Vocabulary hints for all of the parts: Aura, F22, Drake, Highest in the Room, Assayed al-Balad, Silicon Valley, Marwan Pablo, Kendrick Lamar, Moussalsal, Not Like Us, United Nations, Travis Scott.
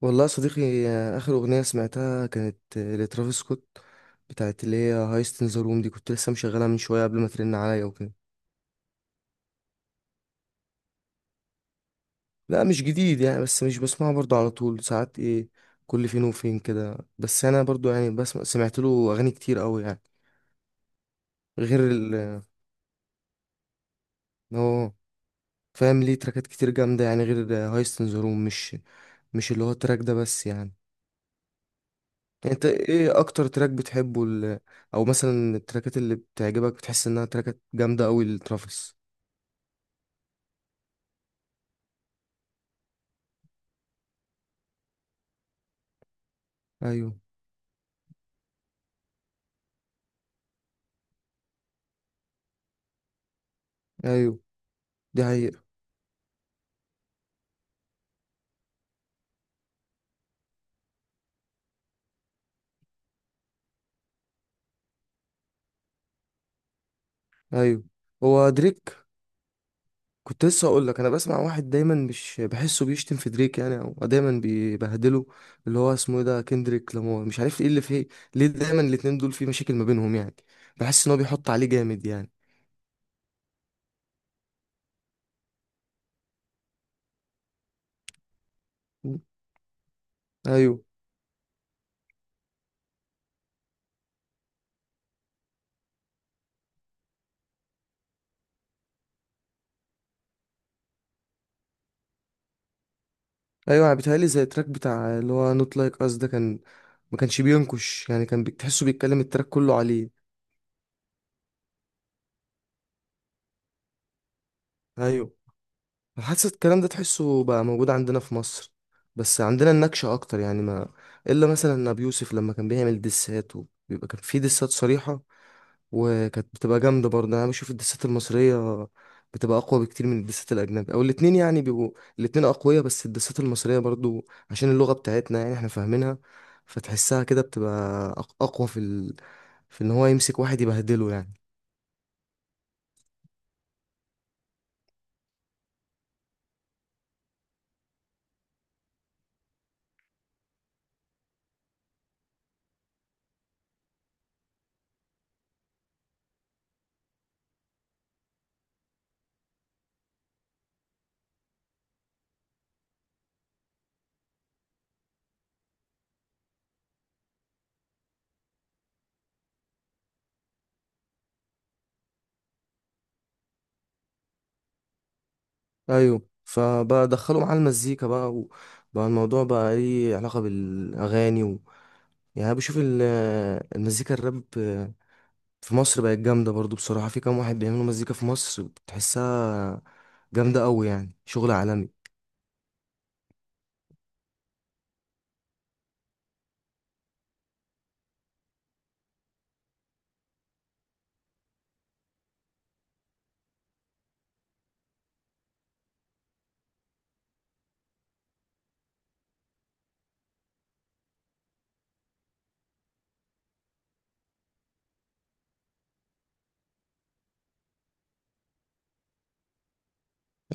والله يا صديقي، آخر أغنية سمعتها كانت لترافيس سكوت. بتاعت اللي هي هايست إن ذا روم، دي كنت لسه مشغلها من شوية قبل ما ترن عليا وكده. لا، مش جديد يعني، بس مش بسمعه برضه على طول ساعات، إيه، كل فين وفين كده. بس أنا برضه يعني سمعت له أغاني كتير أوي يعني. غير إن هو فاهم، ليه تراكات كتير جامدة يعني غير هايست إن ذا روم. مش اللي هو التراك ده بس يعني. أنت إيه أكتر تراك بتحبه أو مثلا التراكات اللي بتعجبك بتحس إنها تراكات جامدة أوي لترافيس؟ ايوه. ايوه، دي حقيقة. ايوه. هو دريك، كنت لسه اقول لك انا بسمع واحد دايما مش بحسه بيشتم في دريك يعني، او دايما بيبهدله، اللي هو اسمه ايه ده، كندريك لامار، مش عارف ايه اللي فيه. ليه دايما الاتنين دول في مشاكل ما بينهم يعني؟ بحس ان هو بيحط عليه جامد يعني. م. ايوه. ايوه، انا بيتهيألي زي التراك بتاع اللي هو نوت لايك اس ده، كان ما كانش بينكش يعني، كان بتحسه بيتكلم التراك كله عليه. ايوه. حاسس الكلام ده تحسه بقى موجود عندنا في مصر، بس عندنا النكشة أكتر يعني، ما إلا مثلا أبي يوسف لما كان بيعمل دسات، وبيبقى كان في دسات صريحة، وكانت بتبقى جامدة برضه. أنا بشوف الدسات المصرية بتبقى أقوى بكتير من الدسات الأجنبي، أو الاتنين يعني بيبقوا الاتنين أقوياء، بس الدسات المصرية برضه، عشان اللغة بتاعتنا يعني إحنا فاهمينها، فتحسها كده بتبقى أقوى في في إن هو يمسك واحد يبهدله يعني. ايوه. فبقى دخلوا معاه المزيكا بقى، وبقى الموضوع بقى ايه علاقه بالاغاني و، يعني أنا بشوف المزيكا الراب في مصر بقت جامده برضو. بصراحه، في كام واحد بيعملوا مزيكا في مصر بتحسها جامده قوي، يعني شغل عالمي.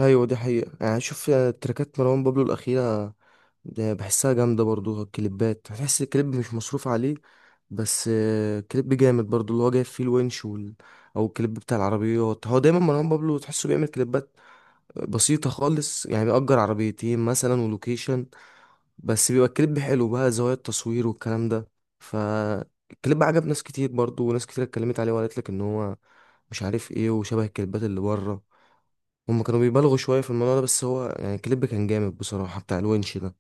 ايوه، دي حقيقه يعني. شوف تراكات مروان بابلو الاخيره، ده بحسها جامده برضو. الكليبات، بحس الكليب مش مصروف عليه، بس كليب جامد برضو، اللي هو جايب فيه الونش او الكليب بتاع العربيات. هو دايما مروان بابلو تحسه بيعمل كليبات بسيطة خالص، يعني بيأجر عربيتين مثلا ولوكيشن، بس بيبقى الكليب حلو بقى، زوايا التصوير والكلام ده. فالكليب عجب ناس كتير برضو، وناس كتير اتكلمت عليه وقالت لك ان هو مش عارف ايه، وشبه الكليبات اللي بره. هما كانوا بيبالغوا شوية في الموضوع ده، بس هو يعني الكليب كان جامد بصراحة بتاع الونش ده.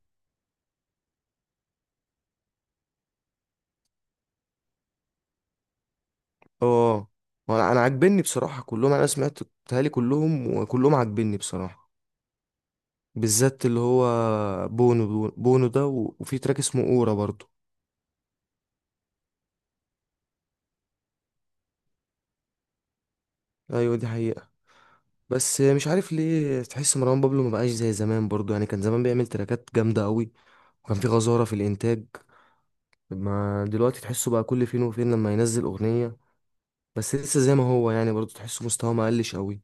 اه. وانا عاجبني بصراحة كلهم، انا سمعت بتهيألي كلهم، وكلهم عاجبني بصراحة، بالذات اللي هو بونو، بونو ده، وفي تراك اسمه اورا برضو. ايوه، دي حقيقة. بس مش عارف ليه، تحس مروان بابلو ما بقاش زي زمان برضو يعني، كان زمان بيعمل تراكات جامدة قوي، وكان في غزارة في الإنتاج. ما دلوقتي تحسه بقى كل فين وفين لما ينزل أغنية، بس لسه زي ما هو يعني برضو، تحسه مستواه ما قلش قوي.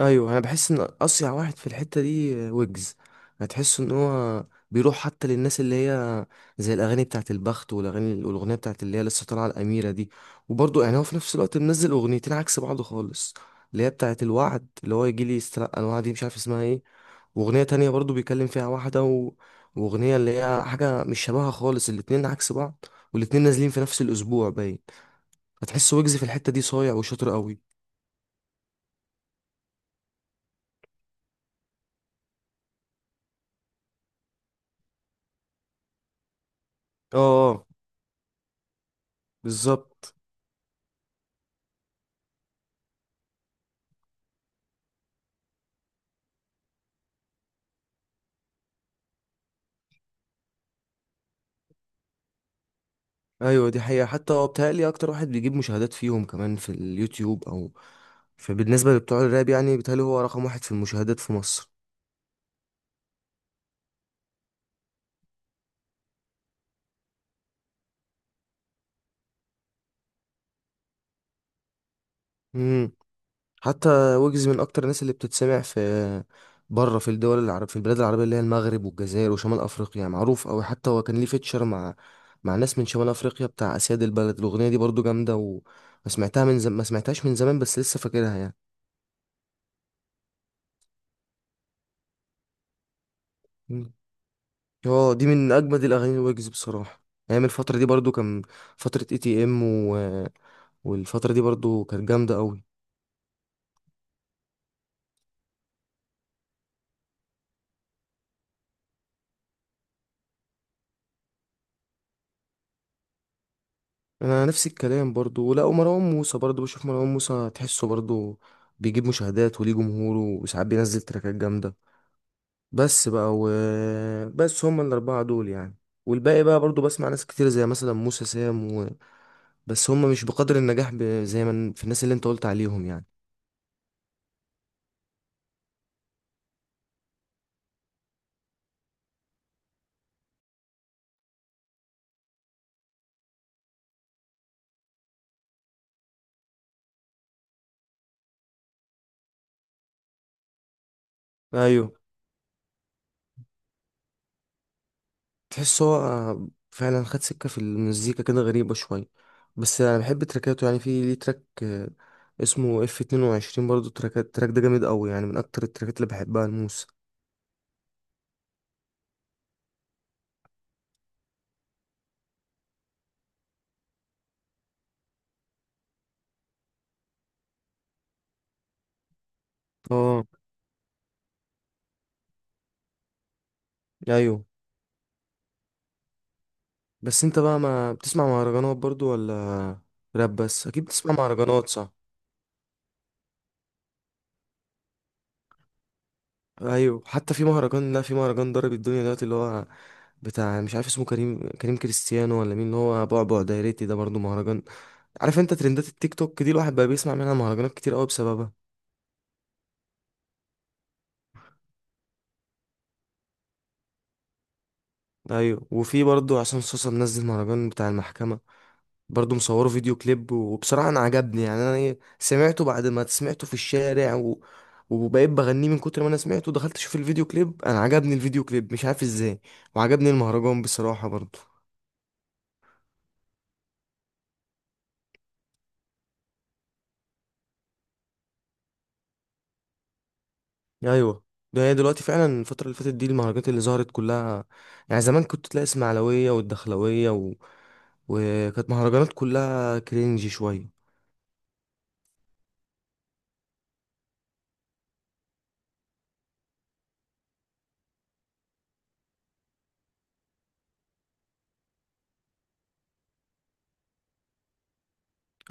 ايوه، انا بحس ان اصيع واحد في الحته دي ويجز. هتحس ان هو بيروح حتى للناس اللي هي زي الاغاني بتاعت البخت والاغاني، والاغنيه بتاعت اللي هي لسه طالعه، الاميره دي. وبرضه يعني، هو في نفس الوقت منزل اغنيتين عكس بعض خالص، اللي هي بتاعت الوعد، اللي هو يجي لي يستلقى الوعد، دي مش عارف اسمها ايه. واغنيه تانية برضه بيكلم فيها واحده و، واغنيه اللي هي حاجه مش شبهها خالص، الاتنين عكس بعض، والاتنين نازلين في نفس الاسبوع باين. هتحس ويجز في الحته دي صايع وشاطر قوي. اه. آه، بالظبط. ايوه، دي حقيقة. حتى هو بيتهيألي اكتر واحد بيجيب مشاهدات فيهم كمان في اليوتيوب، او فبالنسبة لبتوع الراب يعني، بيتهيألي هو رقم واحد في المشاهدات في مصر. امم. حتى ويجز من اكتر الناس اللي بتتسمع في بره، في الدول العرب، في البلاد العربية اللي هي المغرب والجزائر وشمال افريقيا، معروف اوي. حتى هو كان ليه فيتشر مع ناس من شمال افريقيا، بتاع اسياد البلد، الاغنية دي برضو جامدة. وما سمعتها من زم... ما سمعتهاش من زمان، بس لسه فاكرها يعني. اه، دي من اجمد الاغاني الويجز بصراحه. ايام الفتره دي برضو، كان فتره ATM، و... والفتره دي برضو كانت جامده قوي. انا نفس الكلام برضو. لا، ومروان موسى برضو، بشوف مروان موسى تحسه برضو بيجيب مشاهدات وليه جمهوره، وساعات بينزل تراكات جامده. بس بقى و، بس هما الاربعه دول يعني، والباقي بقى برضو بسمع ناس كتير زي مثلا موسى سام، و... بس هما مش بقدر النجاح زي ما في الناس اللي انت قلت عليهم يعني. ايوه، تحس هو فعلا خد سكة في المزيكا كده غريبة شوية، بس أنا بحب تراكاته يعني، في ليه تراك اسمه F22، برضه تراك التراك ده جامد أوي يعني، من أكتر التراكات اللي بحبها الموسى. اه. أيوه. بس أنت بقى ما بتسمع مهرجانات برضه، ولا راب بس؟ أكيد بتسمع مهرجانات، صح؟ أيوه، حتى في مهرجان، لا، في مهرجان ضرب الدنيا دلوقتي، اللي هو بتاع مش عارف اسمه، كريم كريستيانو ولا مين، اللي هو بعبع دايرتي ده برضه مهرجان. عارف أنت ترندات التيك توك دي، الواحد بقى بيسمع منها مهرجانات كتير أوي بسببها. ايوه، وفي برضو عشان صوصه منزل مهرجان بتاع المحكمه، برضو مصوره فيديو كليب. وبصراحه انا عجبني، يعني انا إيه، سمعته بعد ما سمعته في الشارع، و... وبقيت بغنيه من كتر ما انا سمعته، دخلت اشوف الفيديو كليب، انا عجبني الفيديو كليب مش عارف ازاي، وعجبني المهرجان بصراحه برضو. ايوه. ده هي دلوقتي فعلا الفتره اللي فاتت دي، المهرجانات اللي ظهرت كلها، يعني زمان كنت تلاقي اسماعيلويه والدخلاويه، و... وكانت مهرجانات كلها كرينجي شويه.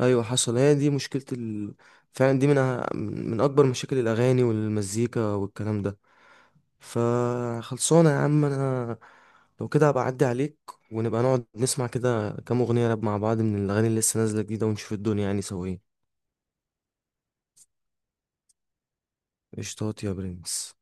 ايوه، حصل. هي دي مشكله فعلا، دي من من اكبر مشاكل الاغاني والمزيكا والكلام ده. فخلصانه يا عم، انا لو كده هبقى اعدي عليك، ونبقى نقعد نسمع كده كام اغنيه راب مع بعض، من الاغاني اللي لسه نازله جديده، ونشوف الدنيا يعني سوا ايه. قشطات يا برنس.